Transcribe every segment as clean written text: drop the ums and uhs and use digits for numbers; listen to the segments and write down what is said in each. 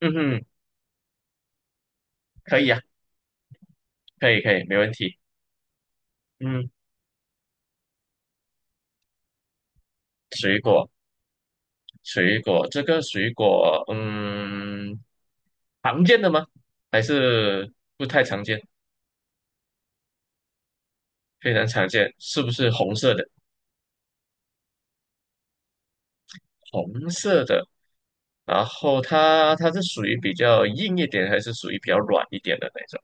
嗯哼，可以啊，可以可以，没问题。嗯，水果水果，这个水果常见的吗？还是不太常见？非常常见，是不是红色的？红色的，然后它是属于比较硬一点，还是属于比较软一点的那种？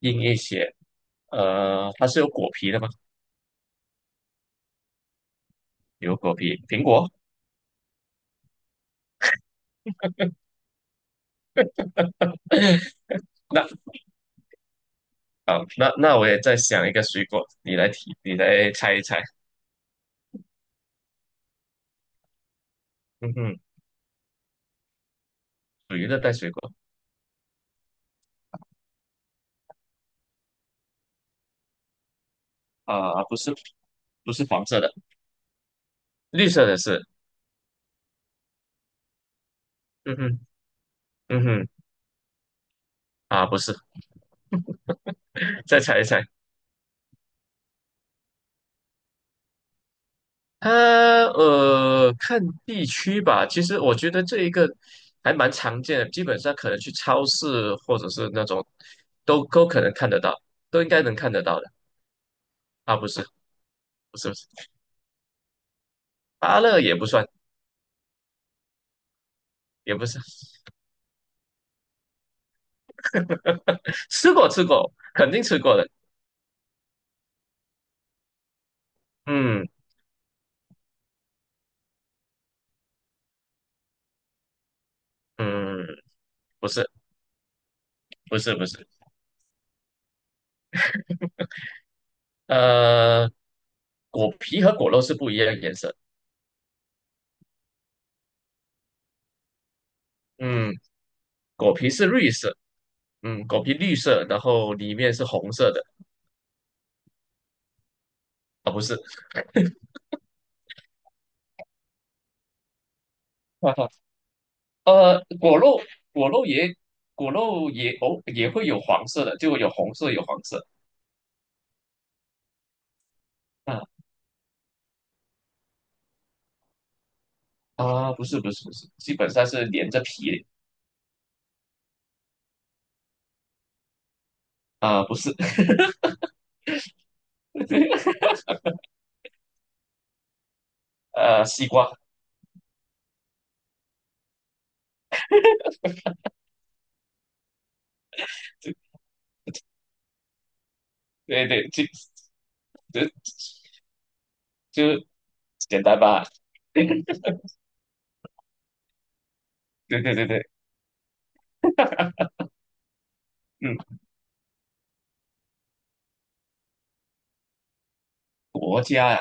硬一些，它是有果皮的吗？有果皮，苹果。那好，那我也再想一个水果，你来提，你来猜一猜。嗯哼，属于热带水果。啊、不是，不是黄色的，绿色的是，嗯哼，嗯哼，啊，不是，再猜一猜，它看地区吧。其实我觉得这一个还蛮常见的，基本上可能去超市或者是那种都可能看得到，都应该能看得到的。啊，不是，不是，不是，芭乐也不算，也不是，吃过吃过，肯定吃过的。嗯嗯，不是，不是，不是，呃，果皮和果肉是不一样的颜色。嗯。果皮是绿色，嗯，果皮绿色，然后里面是红色的啊，不是，哈哈，呃，果肉果肉也果肉也也会有黄色的，就有红色有黄色，啊啊，不是不是不是，基本上是连着皮啊，不是，西瓜，对对对，就就简单吧，对对对对，嗯，国家呀，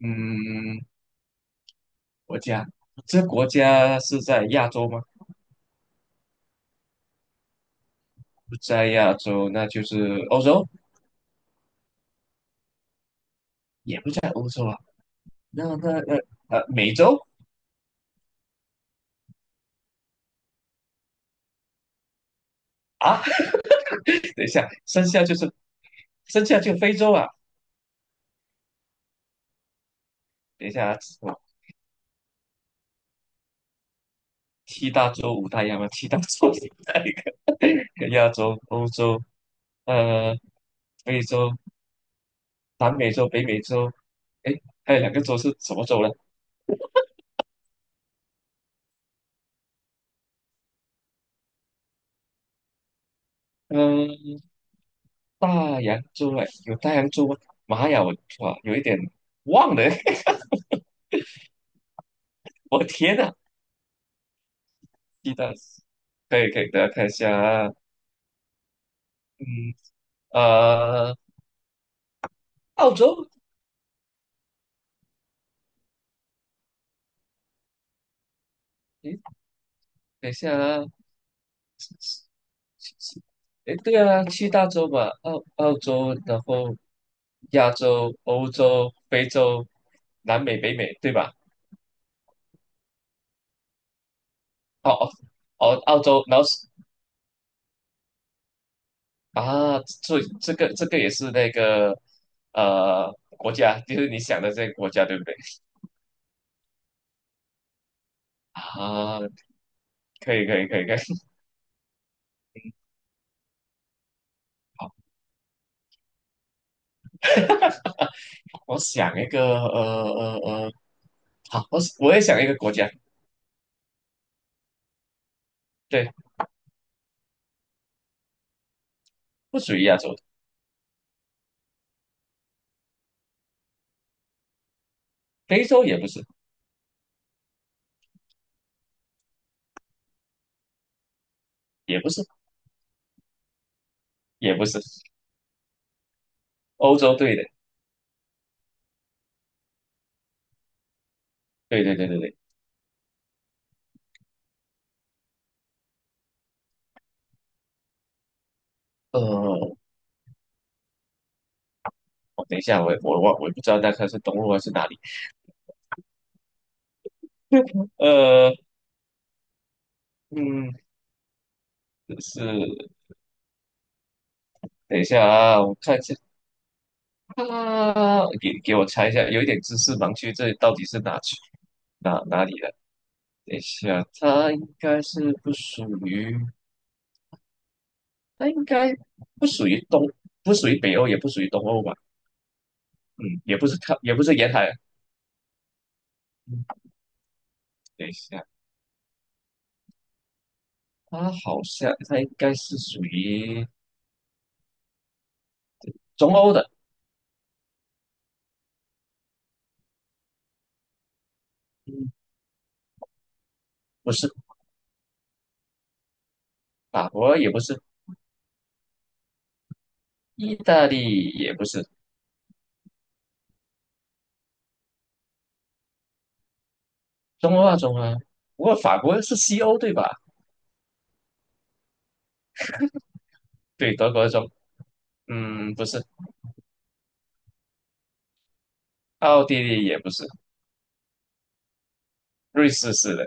嗯，国家，这国家是在亚洲吗？不在亚洲，那就是欧洲。也不在欧洲啊，那美洲啊，等一下，剩下就非洲啊，等一下我七大洲五大洋啊，七大洲五大洋 亚洲、欧洲、呃非洲、南美洲、北美洲，哎，还有两个洲是什么洲呢？嗯、大洋洲哎，有大洋洲吗？妈呀，哇有一点忘了，我天呐，七大可以可以，大家看一下啊，嗯呃澳洲，诶，等一下啊。诶，对啊，七大洲嘛，澳洲，然后亚洲、欧洲、非洲、南美、北美，对吧？哦哦，澳洲，然后是啊，这个也是那个呃国家，就是你想的这个国家，对不对？啊，可以可以可以可以，好，我想一个呃，好，我也想一个国家，对，不属于亚洲的，非洲也不是，也不是，也不是，欧洲，对的，对对对对对，呃。哦，等一下，我也不知道那它是东路还是哪里。呃，嗯，是，等一下啊，我看一下啊，给给我猜一下，有一点知识盲区，这到底是哪区哪里的？等一下，它应该不属于东，不属于北欧，也不属于东欧吧？嗯，也不是它，也不是沿海啊。嗯，等一下，它好像它应该是属于中欧的，嗯，不是法国，也不是意大利也不是中欧啊，中欧啊。不过法国是西欧对吧？对，德国中，嗯，不是，奥地利也不是，瑞士是的。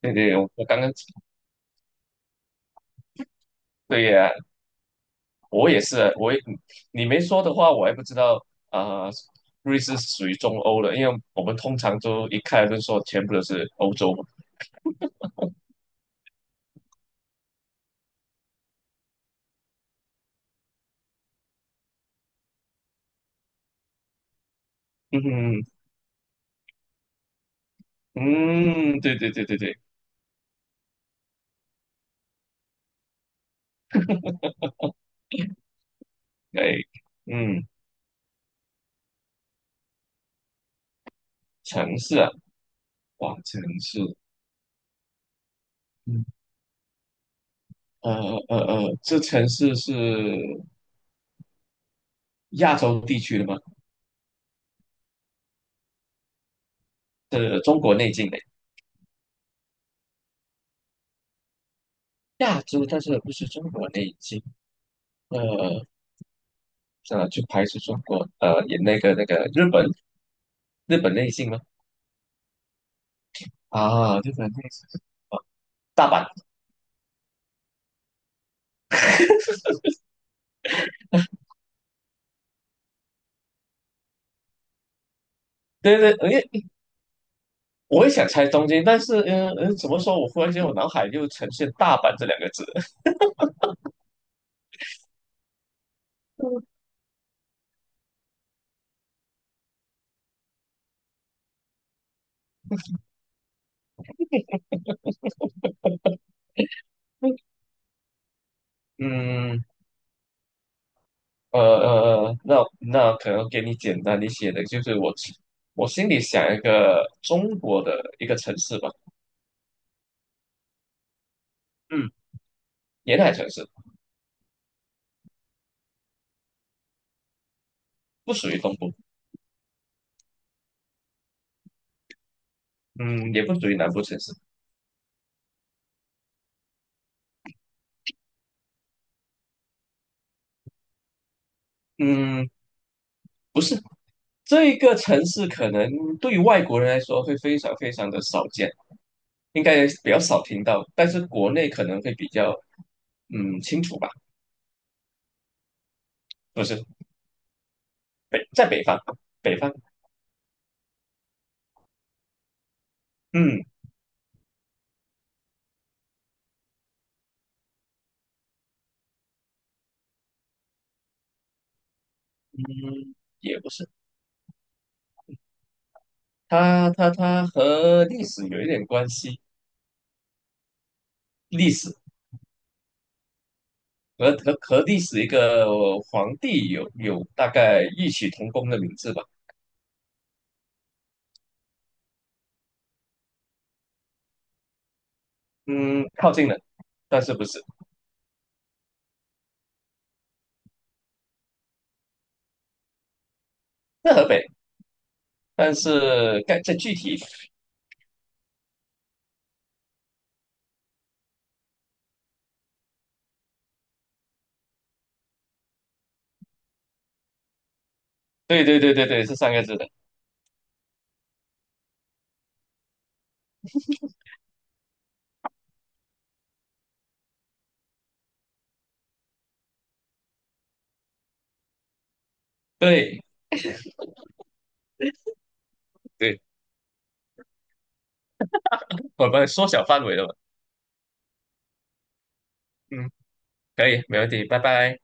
对对，我刚刚对呀、我也你没说的话，我还不知道啊、瑞士是属于中欧的，因为我们通常都一看就说全部都是欧洲嘛。嗯嗯，对对对对对，哎，嗯，城市啊，哇，城市，嗯呃这城市是。亚洲地区的吗？是中国内境的亚洲，但是不是中国内境？呃，算了，就排除中国，也那个日本日本内境吗？啊，日本内进大阪，对对，因为我也想猜东京，但是嗯嗯，怎么说？我忽然间我脑海就呈现大阪这两个字，嗯那那可能给你简单一些的，就是我心里想一个中国的一个城市吧，嗯，沿海城市，不属于东部。嗯，也不属于南部城市，嗯，不是，这个城市可能对于外国人来说会非常非常的少见，应该比较少听到，但是国内可能会比较清楚吧，不是北在北方，北方，嗯嗯，也不是，它和历史有一点关系，历史和历史一个皇帝有大概异曲同工的名字吧，嗯，靠近了，但是不是，在河北。但是该这具体，对对对对对，是三个字的，对对，我们缩小范围了嘛，嗯，可以，没问题，拜拜。